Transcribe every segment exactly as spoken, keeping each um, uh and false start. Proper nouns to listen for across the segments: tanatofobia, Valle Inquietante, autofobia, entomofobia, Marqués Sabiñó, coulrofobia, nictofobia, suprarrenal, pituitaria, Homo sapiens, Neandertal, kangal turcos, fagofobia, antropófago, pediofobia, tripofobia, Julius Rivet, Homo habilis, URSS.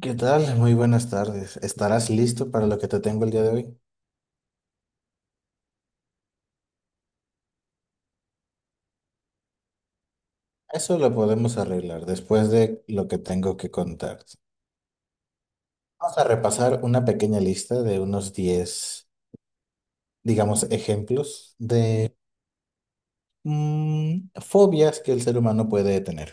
¿Qué tal? Muy buenas tardes. ¿Estarás listo para lo que te tengo el día de hoy? Eso lo podemos arreglar después de lo que tengo que contarte. Vamos a repasar una pequeña lista de unos diez, digamos, ejemplos de mm, fobias que el ser humano puede tener.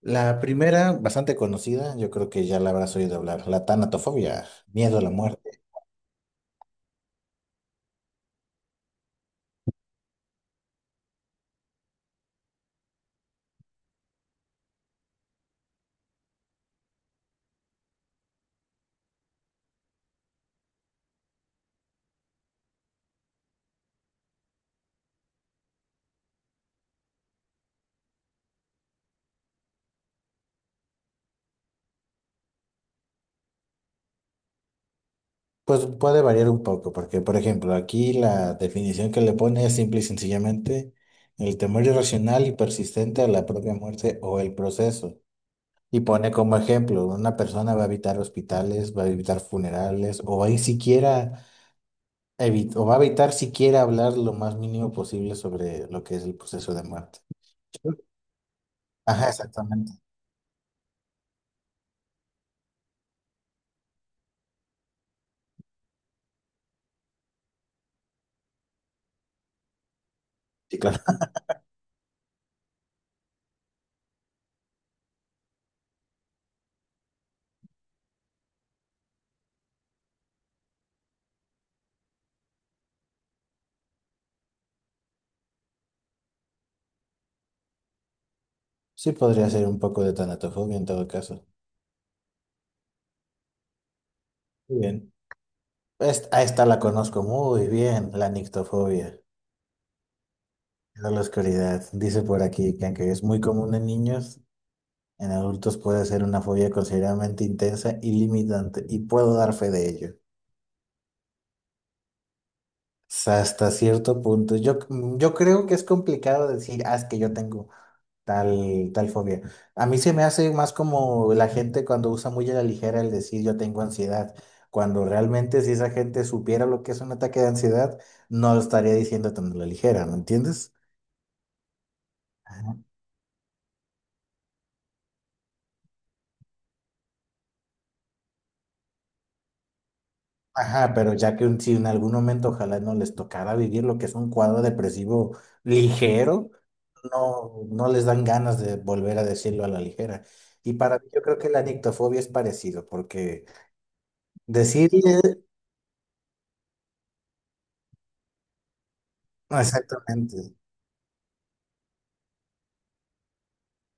La primera, bastante conocida, yo creo que ya la habrás oído hablar, la tanatofobia, miedo a la muerte. Pues puede variar un poco, porque por ejemplo, aquí la definición que le pone es simple y sencillamente el temor irracional y persistente a la propia muerte o el proceso. Y pone como ejemplo, una persona va a evitar hospitales, va a evitar funerales, o va a ir siquiera evi- o va a evitar siquiera hablar lo más mínimo posible sobre lo que es el proceso de muerte. Ajá, exactamente. Sí, claro. Sí podría ser un poco de tanatofobia en todo caso. Muy bien. Esta, esta la conozco muy bien, la nictofobia. Miedo a la oscuridad. Dice por aquí que aunque es muy común en niños, en adultos puede ser una fobia considerablemente intensa y limitante, y puedo dar fe de ello. S- Hasta cierto punto. Yo, c- yo creo que es complicado decir, ah, es que yo tengo tal, tal fobia. A mí se me hace más como la gente cuando usa muy a la ligera el decir yo tengo ansiedad, cuando realmente si esa gente supiera lo que es un ataque de ansiedad, no lo estaría diciendo tan a la ligera, ¿me entiendes? Ajá, pero ya que un- si en algún momento ojalá no les tocara vivir lo que es un cuadro depresivo ligero, no, no les dan ganas de volver a decirlo a la ligera. Y para mí yo creo que la nictofobia es parecido, porque decirle exactamente,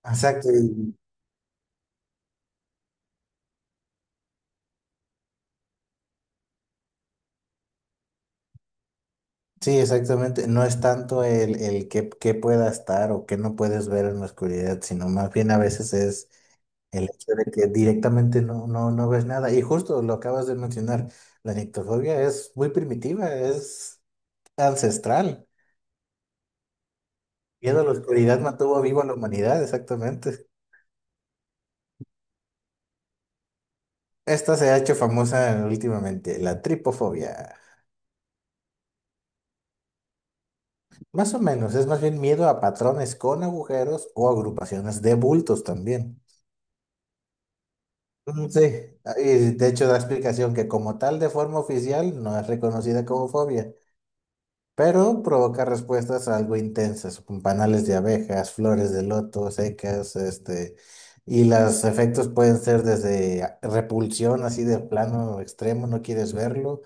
exacto, y- sí, exactamente, no es tanto el, el que, que pueda estar o que no puedes ver en la oscuridad, sino más bien a veces es... El hecho de que directamente no, no, no ves nada. Y justo lo acabas de mencionar, la nictofobia es muy primitiva, es ancestral. Miedo a la oscuridad mantuvo viva a la humanidad, exactamente. Esta se ha hecho famosa últimamente, la tripofobia. Más o menos, es más bien miedo a patrones con agujeros o agrupaciones de bultos también. Mm, Sí, y de hecho da explicación que como tal de forma oficial no es reconocida como fobia. Pero provoca respuestas algo intensas, con panales de abejas, flores de loto, secas, este, y los efectos pueden ser desde a- repulsión, así de plano extremo, no quieres verlo,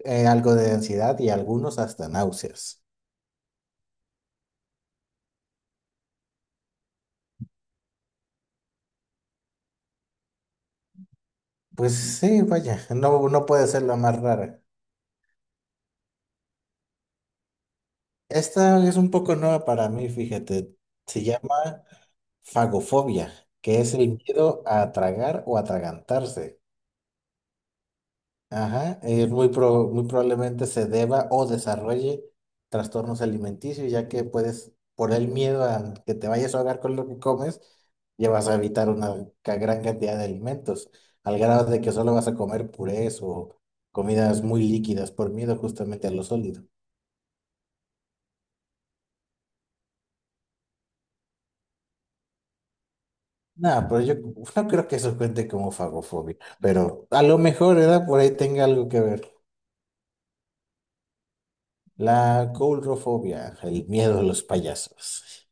eh, algo de ansiedad y algunos hasta náuseas. Pues sí, vaya, no, no puede ser la más rara. Esta es un poco nueva para mí, fíjate, se llama fagofobia, que es el miedo a tragar o atragantarse. Ajá, y muy, pro- muy probablemente se deba o desarrolle trastornos alimenticios, ya que puedes, por el miedo a que te vayas a ahogar con lo que comes, ya vas a evitar una ca- gran cantidad de alimentos, al grado de que solo vas a comer purés o comidas muy líquidas por miedo justamente a lo sólido. Nada, pero yo no creo que eso cuente como fagofobia, pero a lo mejor, ¿verdad? Por ahí tenga algo que ver. La coulrofobia, el miedo a los payasos.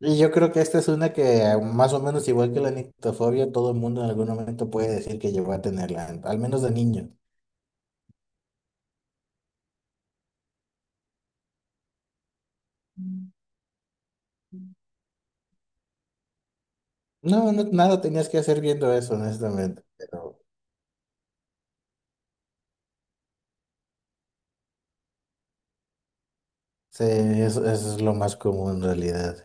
Y yo creo que esta es una que más o menos igual que la nictofobia, todo el mundo en algún momento puede decir que llegó a tenerla, al menos de niño. No, no- nada tenías que hacer viendo eso, honestamente, pero sí, eso, eso es lo más común en realidad.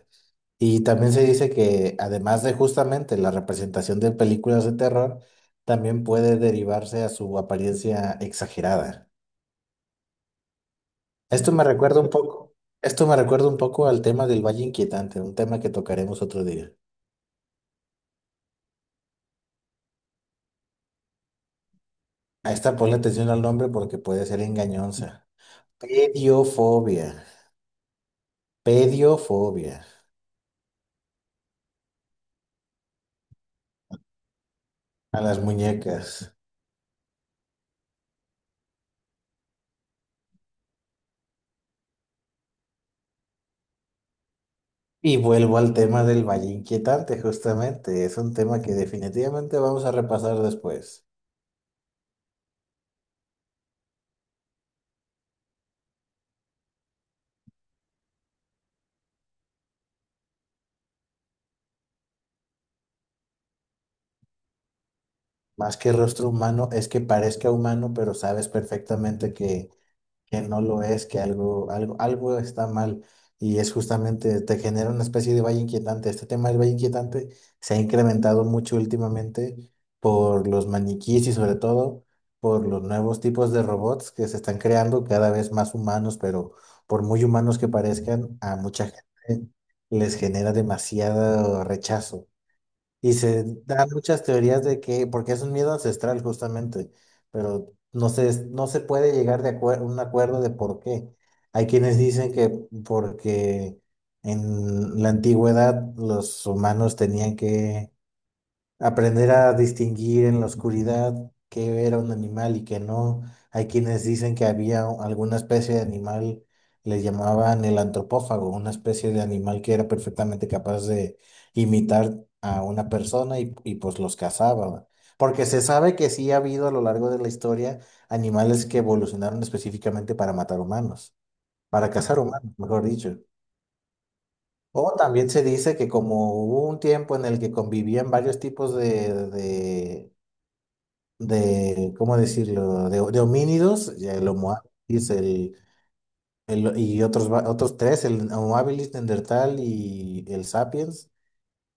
Y también se dice que además de justamente la representación de películas de terror, también puede derivarse a su apariencia exagerada. Esto me recuerda un poco, esto me recuerda un poco al tema del Valle Inquietante, un tema que tocaremos otro día. A esta ponle atención al nombre porque puede ser engañosa. Pediofobia. Pediofobia. A las muñecas. Y vuelvo al tema del valle inquietante, justamente. Es un tema que definitivamente vamos a repasar después. Más que rostro humano, es que parezca humano, pero sabes perfectamente que que no lo es, que algo, algo, algo está mal y es justamente, te genera una especie de valle inquietante. Este tema del valle inquietante se ha incrementado mucho últimamente por los maniquís y sobre todo por los nuevos tipos de robots que se están creando cada vez más humanos, pero por muy humanos que parezcan, a mucha gente les genera demasiado rechazo. Y se dan muchas teorías de que, porque es un miedo ancestral justamente, pero no se, no se puede llegar de acuer- un acuerdo de por qué. Hay quienes dicen que porque en la antigüedad los humanos tenían que aprender a distinguir en la oscuridad qué era un animal y qué no. Hay quienes dicen que había u- alguna especie de animal, les llamaban el antropófago, una especie de animal que era perfectamente capaz de imitar a una persona y, y, pues los cazaba. ¿Va? Porque se sabe que sí ha habido a lo largo de la historia animales que evolucionaron específicamente para matar humanos, para cazar humanos, mejor dicho. O también se dice que como hubo un tiempo en el que convivían varios tipos de, de, ¿cómo decirlo? De, de homínidos, ya el sí. Homo habilis, el, el- y otros, va- otros tres, el Homo habilis, Neandertal y el Sapiens.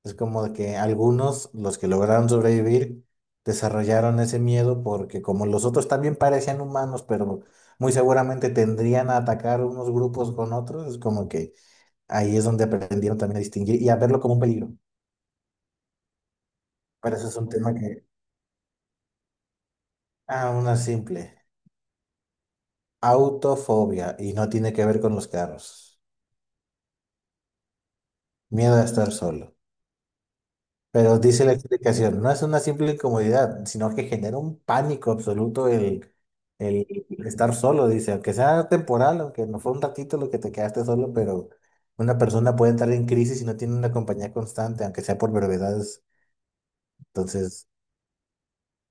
Es como de que algunos, los que lograron sobrevivir, desarrollaron ese miedo porque como los otros también parecían humanos, pero muy seguramente tendrían a atacar unos grupos con otros, es como que ahí es donde aprendieron también a distinguir y a verlo como un peligro. Pero ese es un tema que, ah, una simple. Autofobia y no tiene que ver con los carros. Miedo a estar solo. Pero dice la explicación, no es una simple incomodidad, sino que genera un pánico absoluto el, el estar solo, dice, aunque sea temporal, aunque no fue un ratito lo que te quedaste solo, pero una persona puede entrar en crisis si no tiene una compañía constante, aunque sea por brevedades. Entonces,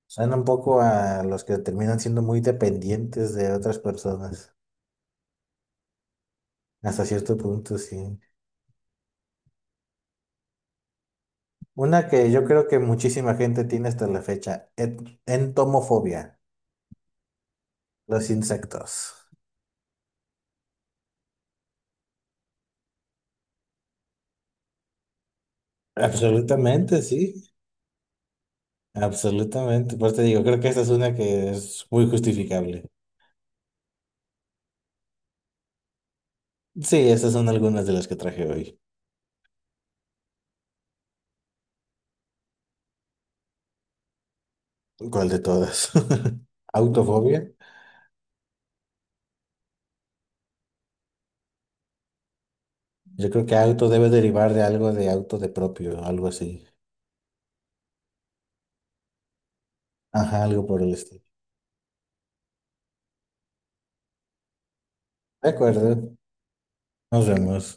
suena un poco a los que terminan siendo muy dependientes de otras personas, hasta cierto punto, sí. Una que yo creo que muchísima gente tiene hasta la fecha, et- entomofobia, los insectos. Absolutamente, sí, absolutamente. Por eso te digo, creo que esta es una que es muy justificable. Sí, esas son algunas de las que traje hoy. ¿Cuál de todas? Autofobia. Yo creo que auto debe derivar de algo de auto de propio, algo así. Ajá, algo por el estilo. De acuerdo, nos vemos.